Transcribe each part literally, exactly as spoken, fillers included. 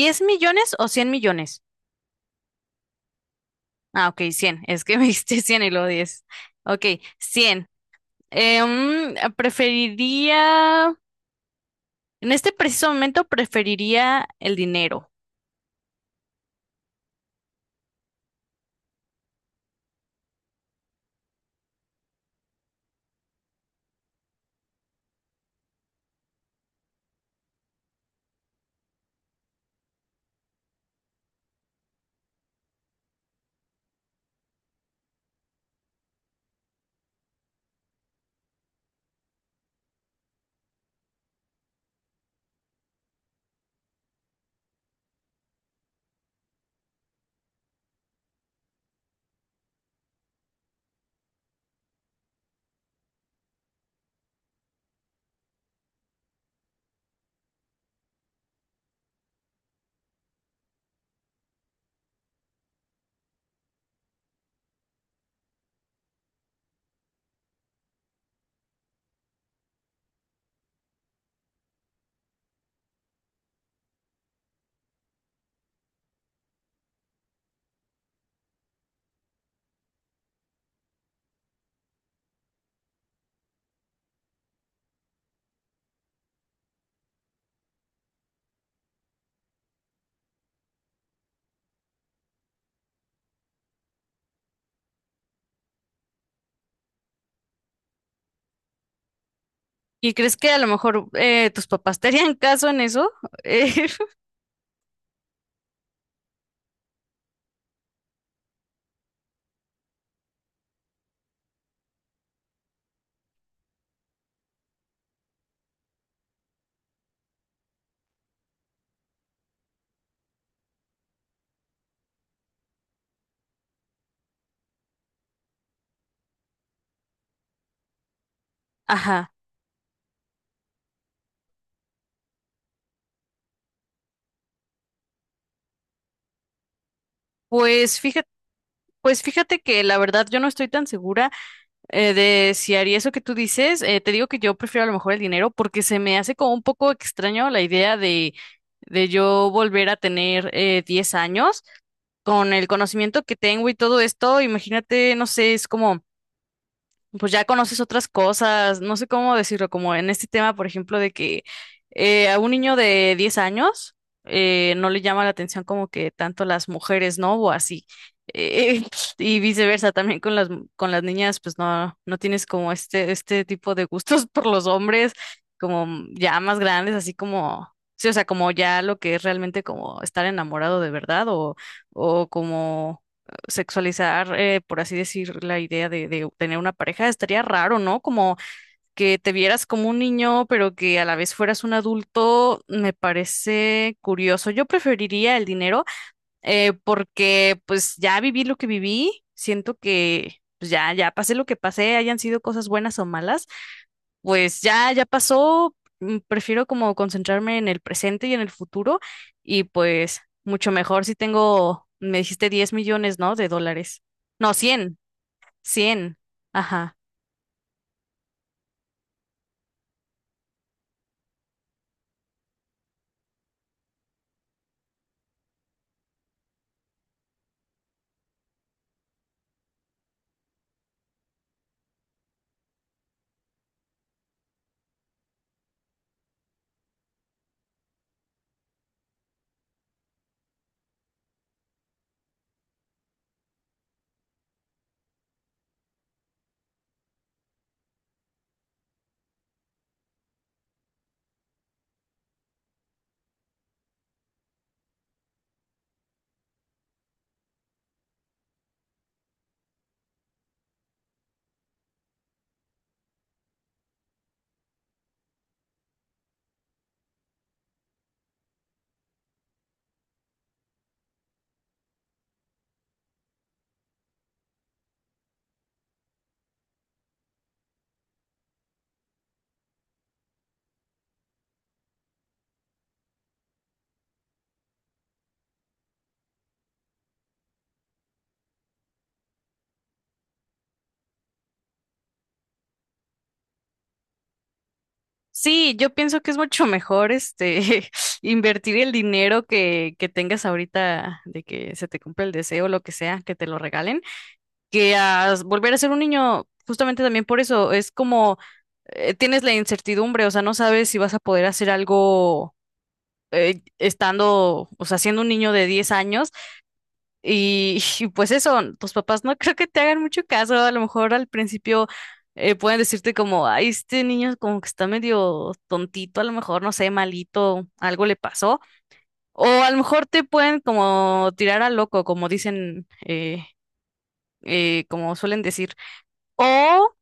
¿Diez millones o cien millones? Ah, ok, cien. Es que me diste cien y luego diez. Ok, cien. Eh, mm, preferiría, en este preciso momento preferiría el dinero. ¿Y crees que a lo mejor eh, tus papás te harían caso en eso? Eh, ajá. Pues fíjate, pues fíjate que la verdad yo no estoy tan segura. Eh, de si haría eso que tú dices, eh, te digo que yo prefiero a lo mejor el dinero porque se me hace como un poco extraño la idea de, de yo volver a tener eh, diez años con el conocimiento que tengo y todo esto. Imagínate, no sé, es como pues ya conoces otras cosas, no sé cómo decirlo, como en este tema, por ejemplo, de que eh, a un niño de diez años eh, no le llama la atención como que tanto las mujeres, ¿no? O así. Eh, y viceversa, también con las, con las niñas, pues no, no tienes como este, este tipo de gustos por los hombres, como mm, ya más grandes, así como, sí, o sea, como ya lo que es realmente como estar enamorado de verdad o, o como sexualizar, eh, por así decir, la idea de, de tener una pareja, estaría raro, ¿no? Como que te vieras como un niño, pero que a la vez fueras un adulto, me parece curioso. Yo preferiría el dinero eh, porque pues ya viví lo que viví, siento que pues ya, ya pasé lo que pasé, hayan sido cosas buenas o malas, pues ya, ya pasó, mm, prefiero como concentrarme en el presente y en el futuro y pues mucho mejor si tengo, me dijiste diez millones, ¿no? De dólares. No, cien. Cien. Ajá. Sí, yo pienso que es mucho mejor este invertir el dinero que, que tengas ahorita de que se te cumpla el deseo, lo que sea, que te lo regalen, que a volver a ser un niño, justamente también por eso, es como eh, tienes la incertidumbre, o sea, no sabes si vas a poder hacer algo eh, estando, o sea, siendo un niño de diez años y, y pues eso, tus papás no creo que te hagan mucho caso, a lo mejor al principio eh, pueden decirte como, ay, este niño como que está medio tontito, a lo mejor, no sé, malito, algo le pasó, o a lo mejor te pueden como tirar a loco, como dicen, eh, eh, como suelen decir, o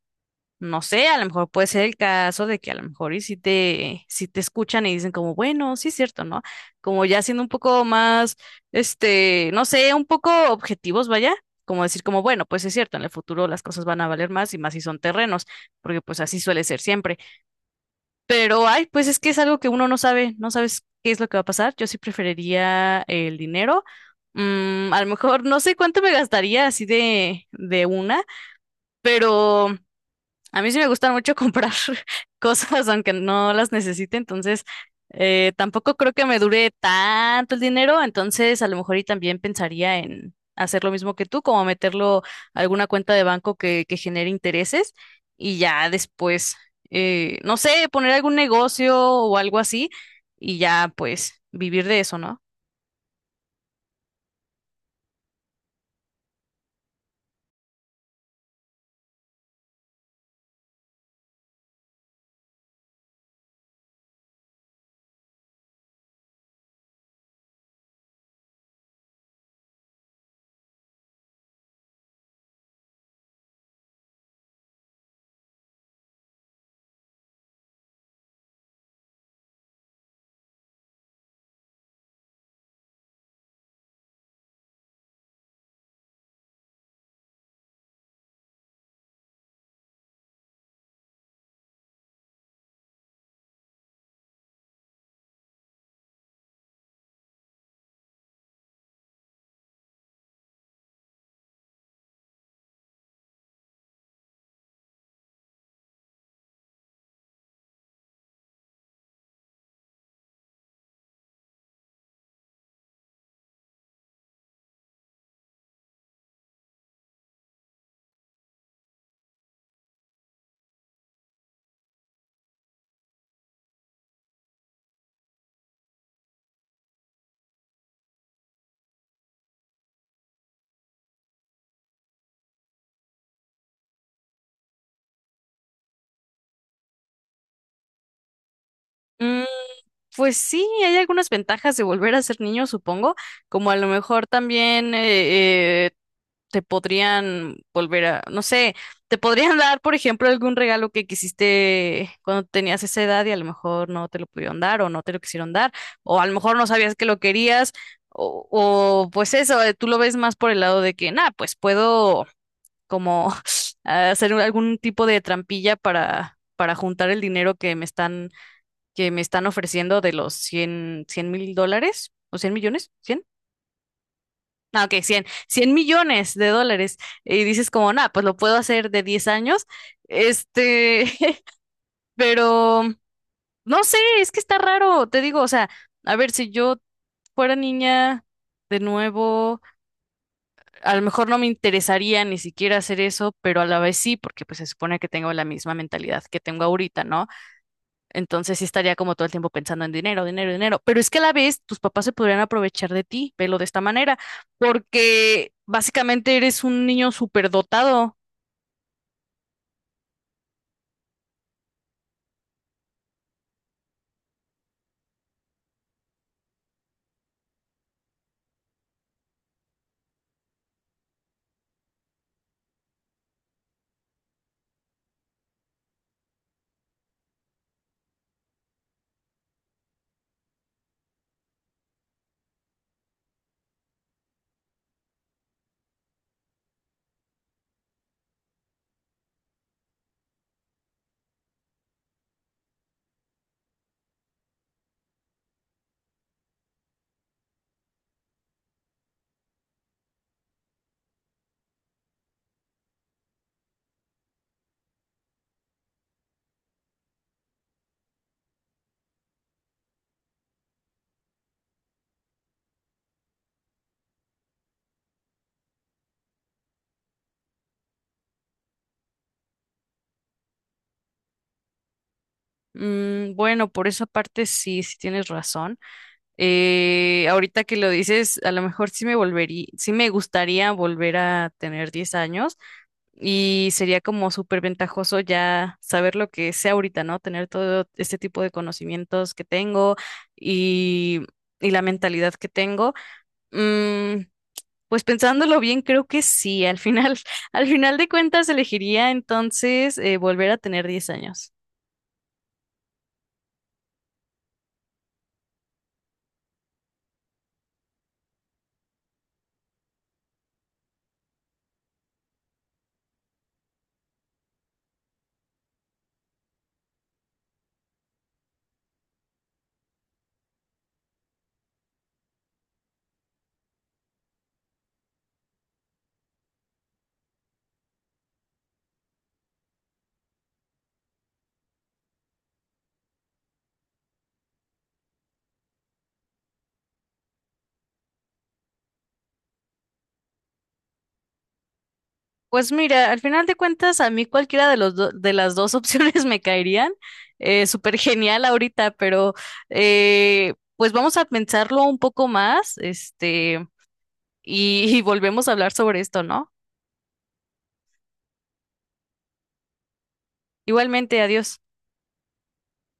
no sé, a lo mejor puede ser el caso de que a lo mejor y si te, si te escuchan y dicen como, bueno, sí es cierto, ¿no? Como ya siendo un poco más, este, no sé, un poco objetivos, vaya, como decir como, bueno, pues es cierto, en el futuro las cosas van a valer más y más si son terrenos, porque pues así suele ser siempre. Pero, ay, pues es que es algo que uno no sabe, no sabes qué es lo que va a pasar. Yo sí preferiría el dinero. Mm, a lo mejor no sé cuánto me gastaría así de, de una, pero... A mí sí me gusta mucho comprar cosas aunque no las necesite, entonces eh, tampoco creo que me dure tanto el dinero, entonces a lo mejor y también pensaría en hacer lo mismo que tú, como meterlo a alguna cuenta de banco que, que genere intereses y ya después, eh, no sé, poner algún negocio o algo así y ya pues vivir de eso, ¿no? Mm. Pues sí, hay algunas ventajas de volver a ser niño, supongo, como a lo mejor también eh, eh, te podrían volver a, no sé, te podrían dar, por ejemplo, algún regalo que quisiste cuando tenías esa edad y a lo mejor no te lo pudieron dar o no te lo quisieron dar, o a lo mejor no sabías que lo querías, o, o, pues eso, eh, tú lo ves más por el lado de que, nada, pues puedo como hacer un- algún tipo de trampilla para, para juntar el dinero que me están que me están ofreciendo de los cien cien mil dólares o cien millones, cien. No, ok, cien cien millones de dólares. Y dices como, nada, pues lo puedo hacer de diez años. Este, pero no sé, es que está raro, te digo, o sea, a ver, si yo fuera niña de nuevo, a lo mejor no me interesaría ni siquiera hacer eso, pero a la vez sí, porque pues se supone que tengo la misma mentalidad que tengo ahorita, ¿no? Entonces sí estaría como todo el tiempo pensando en dinero, dinero, dinero. Pero es que a la vez tus papás se podrían aprovechar de ti, velo de esta manera, porque básicamente eres un niño superdotado. Mm, bueno, por esa parte sí, sí tienes razón. Eh, ahorita que lo dices, a lo mejor sí me volvería, sí me gustaría volver a tener diez años y sería como súper ventajoso ya saber lo que sé ahorita, ¿no? Tener todo este tipo de conocimientos que tengo y y la mentalidad que tengo. Mm, pues pensándolo bien, creo que sí. Al final, al final de cuentas, elegiría entonces eh, volver a tener diez años. Pues mira, al final de cuentas, a mí cualquiera de los do- de las dos opciones me caerían. Eh, súper genial ahorita, pero eh, pues vamos a pensarlo un poco más, este, y y volvemos a hablar sobre esto, ¿no? Igualmente, adiós.